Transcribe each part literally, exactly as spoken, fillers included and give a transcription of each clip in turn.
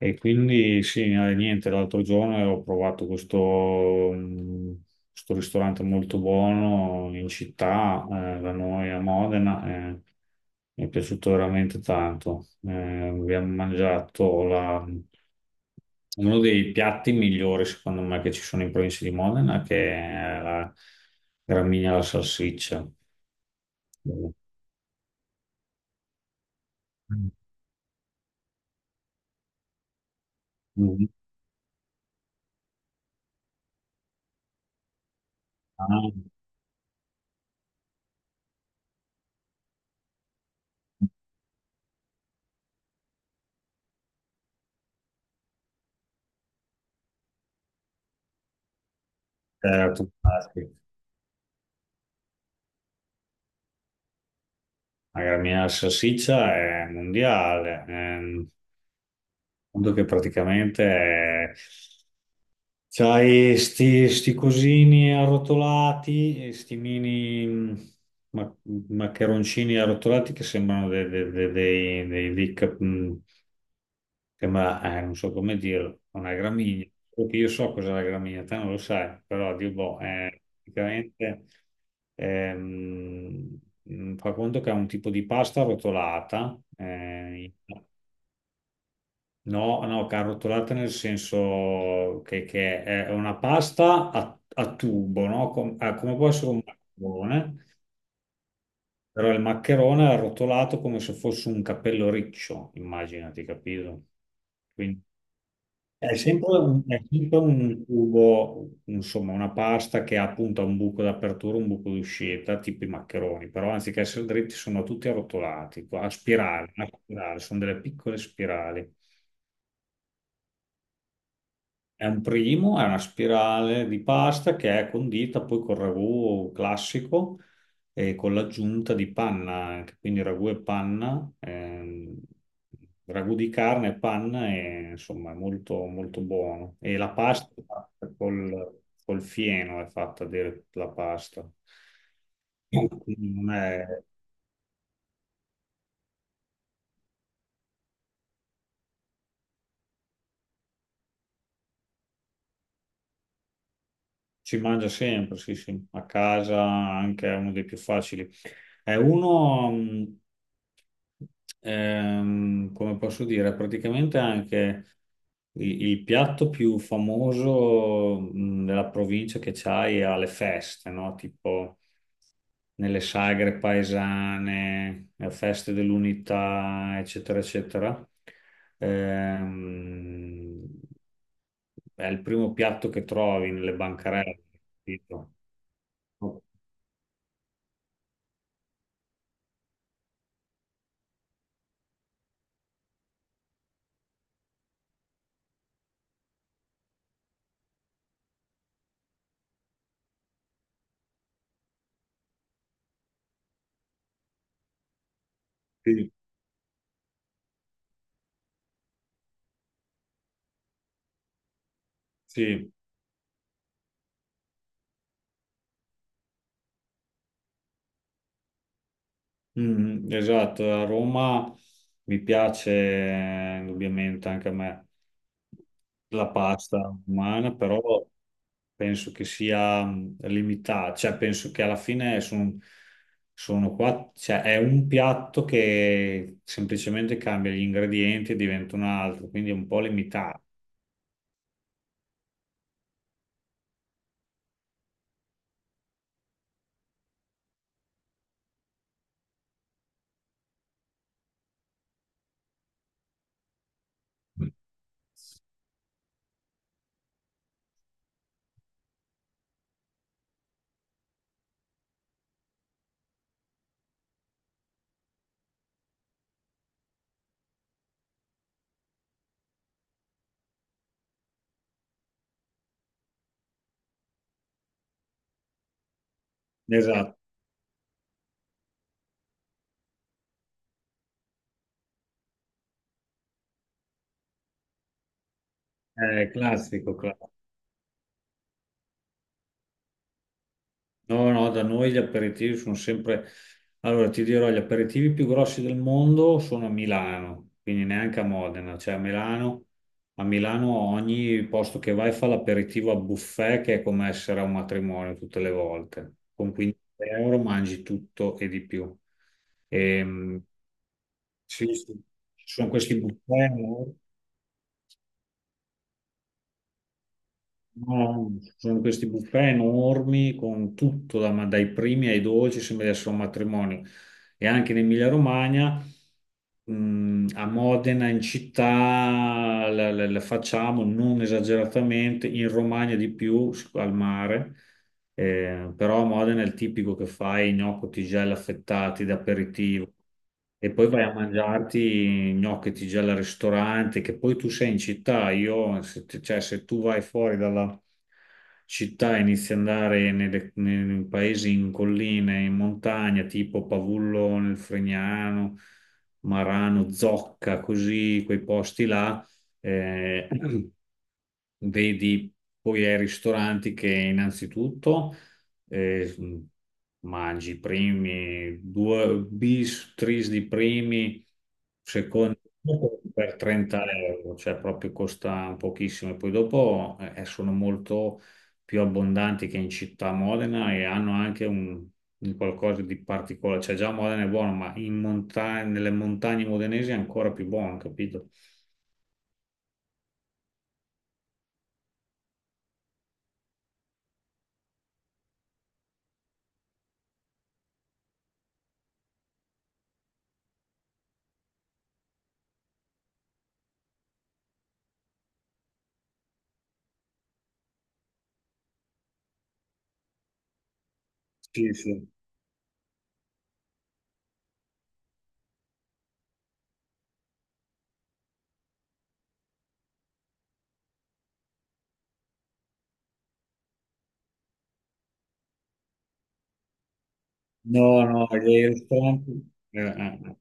E quindi sì, eh, niente, l'altro giorno ho provato questo, mm, questo ristorante molto buono in città, eh, da noi a Modena, e mi è piaciuto veramente tanto. Eh, abbiamo mangiato la- uno dei piatti migliori, secondo me, che ci sono in provincia di Modena, che è la gramigna alla salsiccia. Mm. Mm. Ah, certo, ah, sì. La gramigna alla salsiccia è mondiale. Ehm, mondo che praticamente c'hai sti, sti cosini arrotolati, e sti mini mh, ma- maccheroncini arrotolati che sembrano dei, dei, dei, dei, dei- dei cap- mh, sembra, eh, non so come dirlo, una gramigna. Solo che io so cos'è la gramigna, te non lo sai, però Dio boh, è praticamente ehm, mh, fa conto che è un tipo di pasta arrotolata, eh, no, no, carrotolata nel senso che, che è una pasta a, a tubo, no? Com- ah, come può essere un maccherone, però il maccherone è arrotolato come se fosse un capello riccio, immaginati, capito? Quindi è sempre un, è sempre un tubo, insomma, una pasta che ha appunto un buco d'apertura, un buco d'uscita, tipo i maccheroni, però anziché essere dritti sono tutti arrotolati, a spirale, a spirale, sono delle piccole spirali. È un primo, è una spirale di pasta che è condita poi col ragù classico e con l'aggiunta di panna, anche, quindi ragù e panna, ehm, ragù di carne e panna, e, insomma è molto, molto buono. E la pasta è fatta col, col fieno, è fatta dire la pasta. Mm. Non è. Si mangia sempre, sì, sì, a casa anche è uno dei più facili. È uno, mh, ehm, come posso dire, praticamente anche il, il piatto più famoso, mh, della provincia che c'hai alle feste, no? Tipo nelle sagre paesane, a feste dell'unità, eccetera, eccetera. Ehm, è il primo piatto che trovi nelle bancarelle, capito? Sì, sì. Mm, esatto, a Roma mi piace eh, indubbiamente anche a me la pasta romana, però penso che sia mm, limitata, cioè penso che alla fine sono, sono qua, cioè è un piatto che semplicemente cambia gli ingredienti e diventa un altro, quindi è un po' limitato. Esatto, è classico, classico. No, no, da noi gli aperitivi sono sempre... Allora, ti dirò, gli aperitivi più grossi del mondo sono a Milano, quindi neanche a Modena, cioè a Milano, a Milano ogni posto che vai fa l'aperitivo a buffet, che è come essere a un matrimonio tutte le volte. Con quindici euro mangi tutto e di più. E, mh, sì, sì, ci sono questi buffet, no? No, ci sono questi buffet enormi con tutto, da- ma dai primi ai dolci, sembra di essere un matrimonio. E anche in Emilia-Romagna, mh, a Modena, in città, la, la- la facciamo non esageratamente, in Romagna di più, s- al mare. Eh, però a Modena è il tipico che fai gnocchi, tigelle affettati da aperitivo. E poi vai a mangiarti gnocchetti già al ristorante, che poi tu sei in città. Io, se, t- Cioè, se tu vai fuori dalla città e inizi ad andare nelle- nei paesi in colline, in montagna, tipo Pavullo nel Fregnano, Marano, Zocca, così, quei posti là, eh, vedi poi ai ristoranti che innanzitutto eh, mangi i primi due bis, tris di primi, secondi per trenta euro, cioè proprio costa pochissimo. E poi dopo eh, eh, sono molto più abbondanti che in città a Modena e hanno anche un, un qualcosa di particolare. Cioè già Modena è buono, ma in monta- nelle montagne modenesi è ancora più buono, capito? Sì, sì. No, no, gli ristoranti... eh, eh, eh.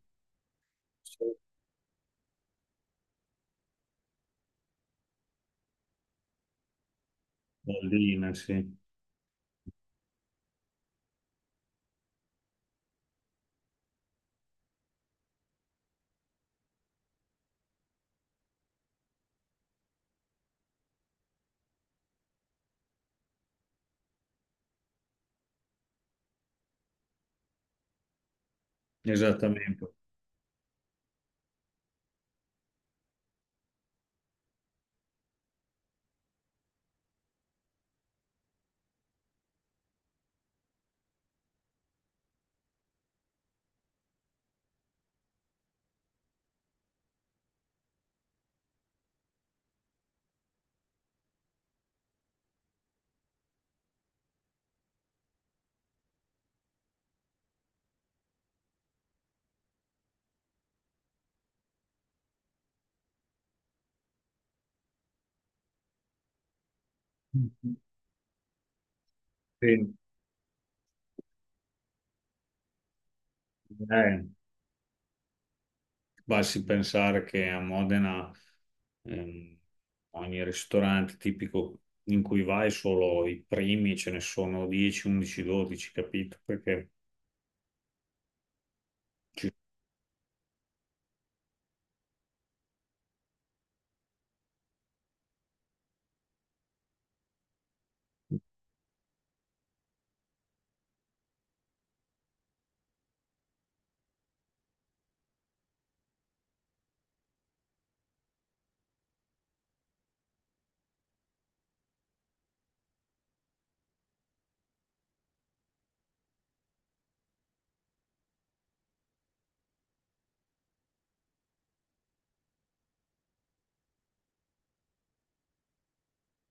Collina, sì, esattamente. Sì, eh, basti pensare che a Modena ehm, ogni ristorante tipico in cui vai solo i primi ce ne sono dieci, undici, dodici, capito? Perché ci-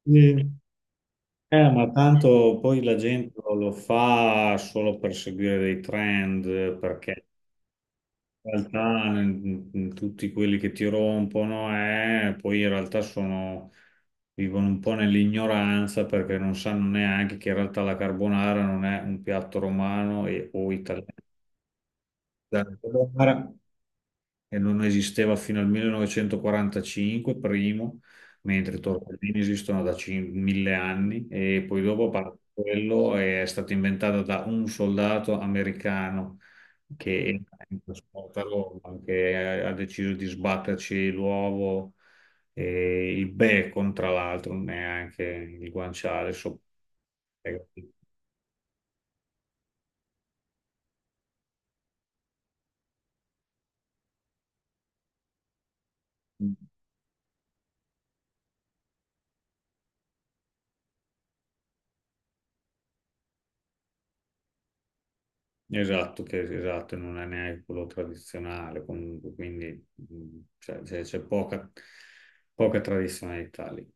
Sì. Eh, ma tanto poi la gente lo lo fa solo per seguire dei trend, perché in realtà n- n- tutti quelli che ti rompono eh, poi in realtà sono, vivono un po' nell'ignoranza perché non sanno neanche che in realtà la carbonara non è un piatto romano e- o italiano. Esatto. Allora, e non esisteva fino al millenovecentoquarantacinque, primo, mentre i tortellini esistono da cin- mille anni e poi dopo, a parte quello, è stata inventata da un soldato americano che era in trasporta a Roma, che ha deciso di sbatterci l'uovo e il bacon, tra l'altro, neanche il guanciale. So- Esatto, che esatto, non è neanche quello tradizionale, comunque, quindi mh, cioè, c'è c'è poca, poca tradizionalità lì.